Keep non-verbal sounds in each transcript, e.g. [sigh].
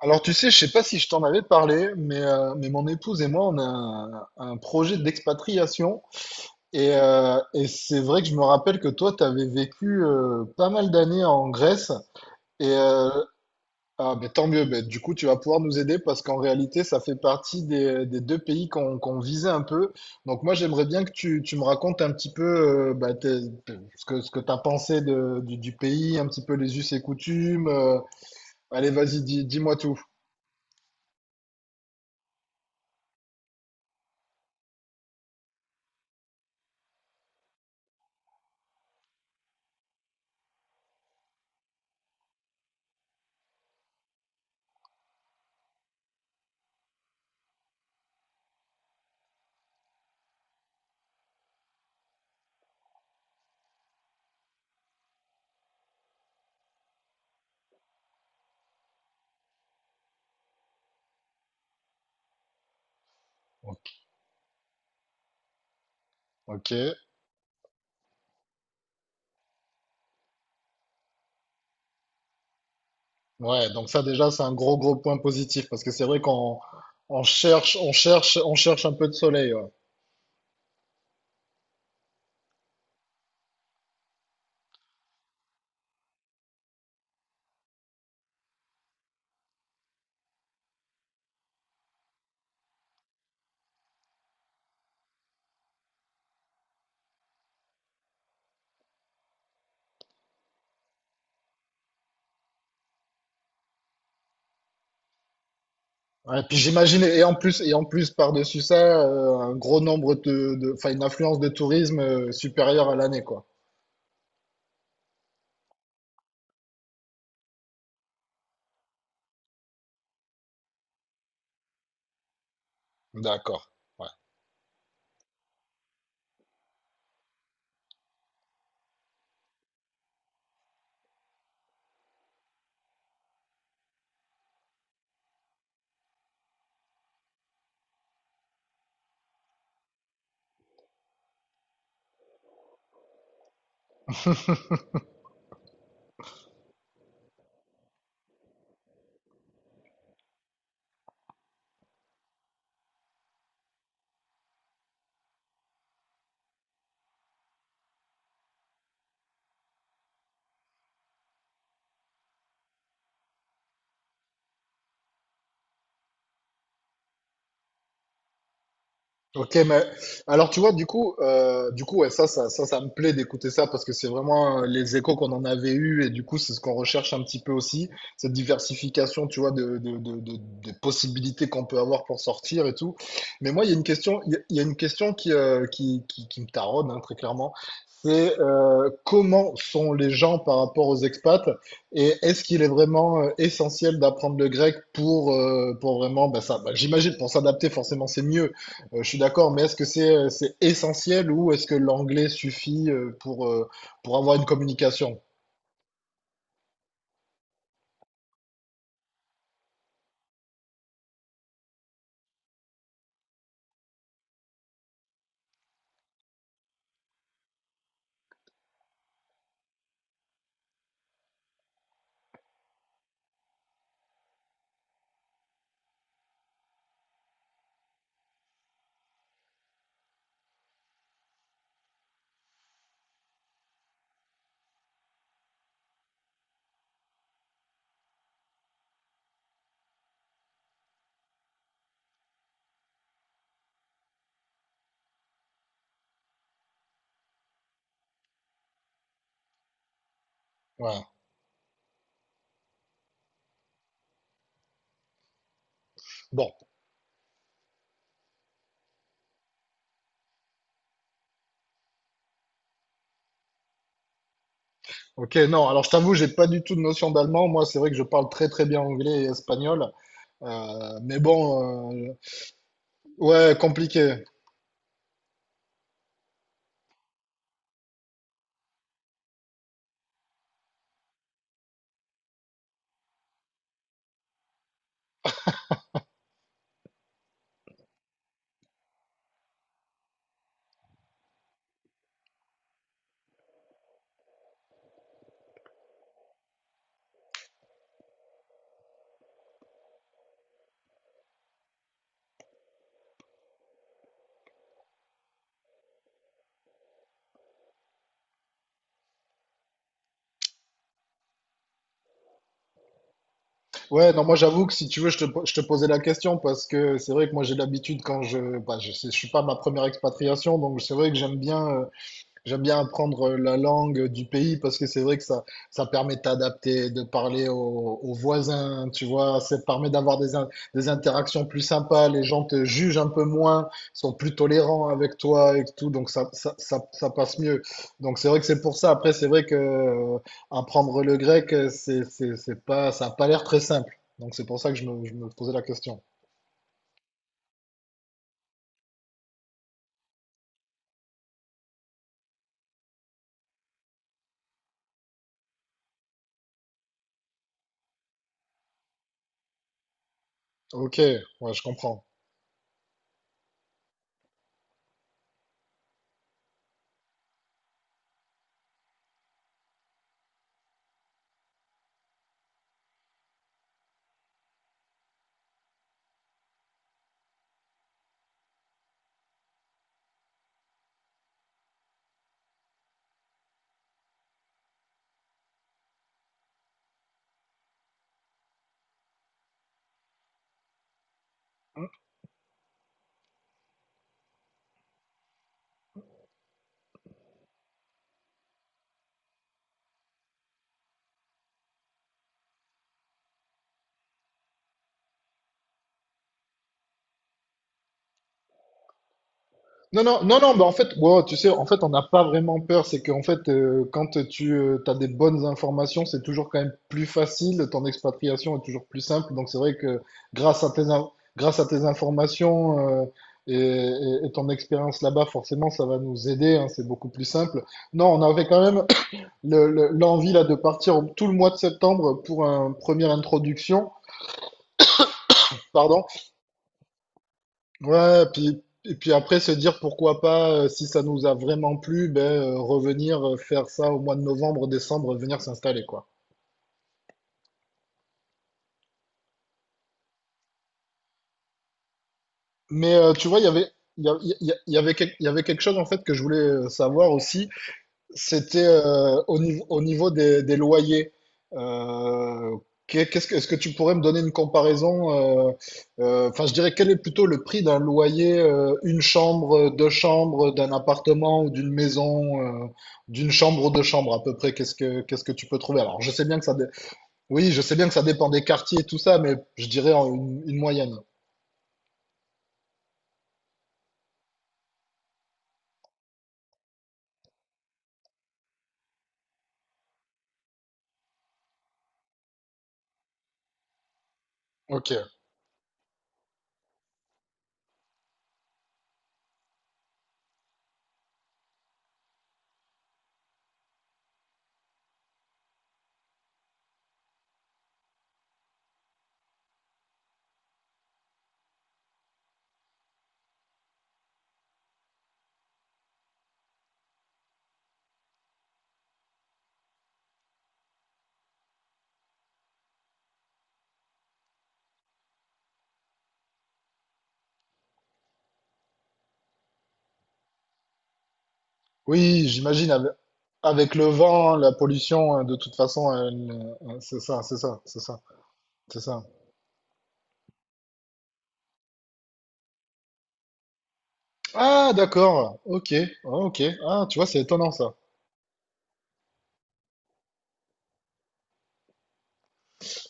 Alors tu sais, je sais pas si je t'en avais parlé, mais mon épouse et moi, on a un projet d'expatriation. Et c'est vrai que je me rappelle que toi, tu avais vécu pas mal d'années en Grèce. Et euh, ben, tant mieux, ben, du coup, tu vas pouvoir nous aider parce qu'en réalité, ça fait partie des deux pays qu'on visait un peu. Donc moi, j'aimerais bien que tu me racontes un petit peu ce que tu as pensé du pays, un petit peu les us et coutumes. Allez, vas-y, dis-moi tout. Ok. Ouais, donc ça déjà c'est un gros gros point positif parce que c'est vrai qu'on on cherche on cherche on cherche un peu de soleil. Ouais. Ouais, puis j'imagine et en plus par-dessus ça un gros nombre enfin une affluence de tourisme supérieure à l'année quoi. D'accord. Ok, mais alors tu vois, du coup, ouais, ça me plaît d'écouter ça parce que c'est vraiment les échos qu'on en avait eu et du coup, c'est ce qu'on recherche un petit peu aussi, cette diversification, tu vois, de des possibilités qu'on peut avoir pour sortir et tout. Mais moi, il y a une question, il y a une question qui me taraude, hein, très clairement. C'est comment sont les gens par rapport aux expats et est-ce qu'il est vraiment essentiel d'apprendre le grec pour vraiment, bah, j'imagine, pour s'adapter, forcément, c'est mieux. Je suis d'accord, mais est-ce que c'est essentiel ou est-ce que l'anglais suffit pour avoir une communication? Voilà. Bon, ok, non, alors je t'avoue, j'ai pas du tout de notion d'allemand. Moi, c'est vrai que je parle très très bien anglais et espagnol. Euh, mais bon, euh, ouais, compliqué. Ouais, non, moi j'avoue que si tu veux, je te posais la question parce que c'est vrai que moi j'ai l'habitude quand je, bah, je, sais- je suis pas ma première expatriation, donc c'est vrai que j'aime bien. J'aime bien apprendre la langue du pays parce que c'est vrai que ça permet de t'adapter, de parler aux, aux voisins, tu vois, ça te permet d'avoir des interactions plus sympas, les gens te jugent un peu moins, sont plus tolérants avec toi et tout, donc ça passe mieux. Donc c'est vrai que c'est pour ça. Après, c'est vrai que apprendre le grec, c'est pas, ça a pas l'air très simple. Donc c'est pour ça que je me posais la question. Ok, ouais, je comprends. Non, non, non, non, bah en fait, wow, tu sais, en fait, on n'a pas vraiment peur. C'est qu'en fait, quand tu as des bonnes informations, c'est toujours quand même plus facile. Ton expatriation est toujours plus simple. Donc, c'est vrai que grâce à tes, in- grâce à tes informations et ton expérience là-bas, forcément, ça va nous aider. Hein, c'est beaucoup plus simple. Non, on avait quand même l'envie là de partir tout le mois de septembre pour une première introduction. Pardon. Ouais, puis, et puis après se dire pourquoi pas, si ça nous a vraiment plu, ben, revenir faire ça au mois de novembre, décembre, venir s'installer, quoi. Mais tu vois, il y avait, il y a- il y a- il y avait, il y avait quelque chose en fait que je voulais savoir aussi. C'était au niveau des loyers. Euh, Qu'est-ce que, est-ce que tu pourrais me donner une comparaison? euh, Enfin, je dirais quel est plutôt le prix d'un loyer, une chambre, deux chambres, d'un appartement ou d'une maison, d'une chambre ou deux chambres à peu près. Qu'est-ce que tu peux trouver? Alors, je sais bien que oui, je sais bien que ça dépend des quartiers et tout ça, mais je dirais en une moyenne. Ok. Oui, avec le vent, la pollution, de toute façon, elle, c'est ça, c'est ça. Ah, d'accord. Ok. Ah, ok. Ah, tu vois, c'est étonnant ça.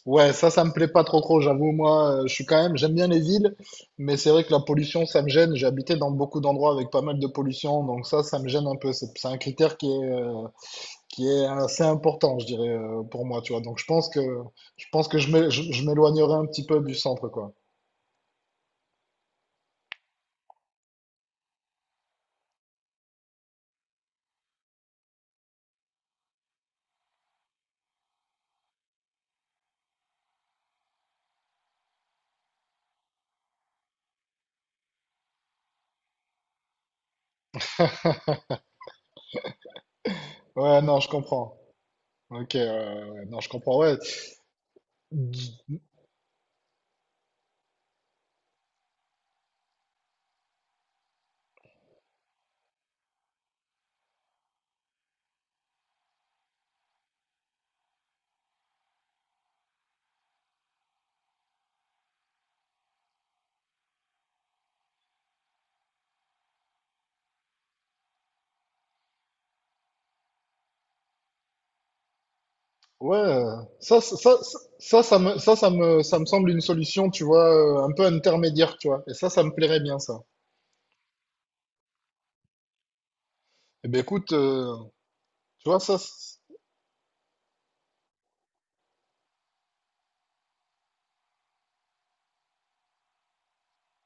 Ouais, ça me plaît pas trop trop. J'avoue, je suis quand même, j'aime bien les villes, mais c'est vrai que la pollution, ça me gêne. J'ai habité dans beaucoup d'endroits avec pas mal de pollution, donc ça me gêne un peu. C'est un critère qui est assez important, je dirais, pour moi, tu vois. Donc, je pense que je m'éloignerai un petit peu du centre, quoi. Ouais, non, je comprends. Ok. Ouais, ouais, ouais. Non, je comprends. Ouais. Ouais, ça, ça, ça, ça, ça me semble une solution, tu vois, un peu intermédiaire, tu vois. Et ça me plairait bien, ça. Eh ben, écoute, tu vois, ça,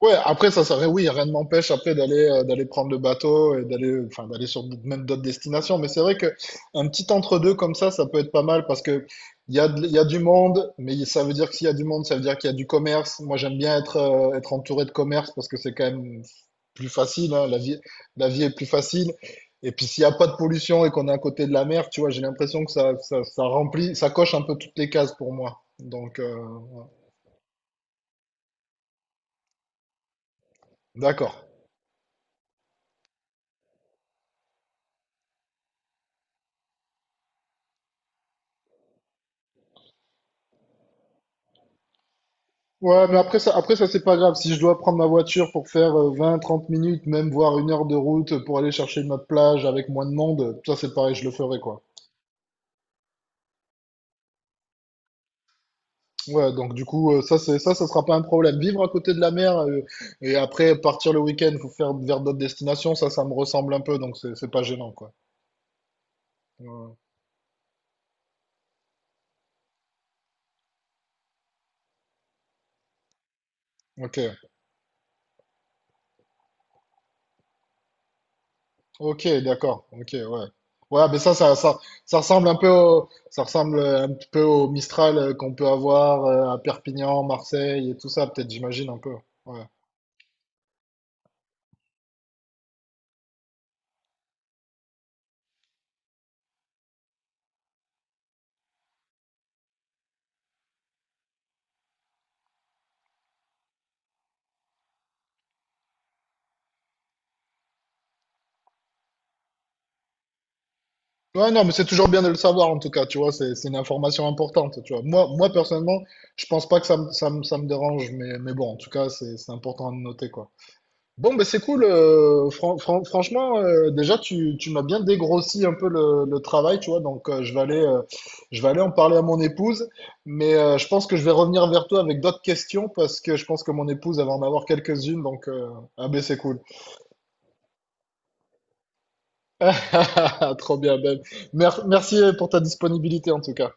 ouais, après ça serait oui, rien ne m'empêche après d'aller d'aller prendre le bateau et d'aller enfin d'aller même d'autres destinations, mais c'est vrai que un petit entre-deux comme ça peut être pas mal parce que il y a du monde, mais ça veut dire que s'il y a du monde, ça veut dire qu'il y a du commerce. Moi, j'aime bien être entouré de commerce parce que c'est quand même plus facile, hein, la vie est plus facile. Et puis s'il y a pas de pollution et qu'on est à côté de la mer, tu vois, j'ai l'impression que ça remplit, ça coche un peu toutes les cases pour moi. Donc d'accord. Ouais, mais après ça, c'est pas grave. Si je dois prendre ma voiture pour faire 20, 30 minutes, même voire une heure de route pour aller chercher notre plage avec moins de monde, ça c'est pareil, je le ferai quoi. Ouais, donc du coup, ça sera pas un problème. Vivre à côté de la mer et après partir le week-end pour faire vers d'autres destinations, ça me ressemble un peu, donc c'est pas gênant quoi. Ouais. Ok. Ok, d'accord. Ok, ouais. Ouais, mais ça ressemble un petit peu au Mistral qu'on peut avoir à Perpignan, Marseille et tout ça, peut-être, j'imagine un peu. Ouais. Ouais, non, mais c'est toujours bien de le savoir en tout cas, tu vois, c'est une information importante, tu vois. Moi, moi personnellement, je pense pas que ça me, ça me, ça me dérange, mais bon, en tout cas, c'est important de noter, quoi. Bon, ben c'est cool. Franchement, déjà, tu m'as bien dégrossi un peu le travail, tu vois. Donc, je vais aller en parler à mon épouse. Mais je pense que je vais revenir vers toi avec d'autres questions parce que je pense que mon épouse elle va en avoir quelques-unes. Donc, ah ben c'est cool. [laughs] Trop bien, Ben. Merci pour ta disponibilité en tout cas.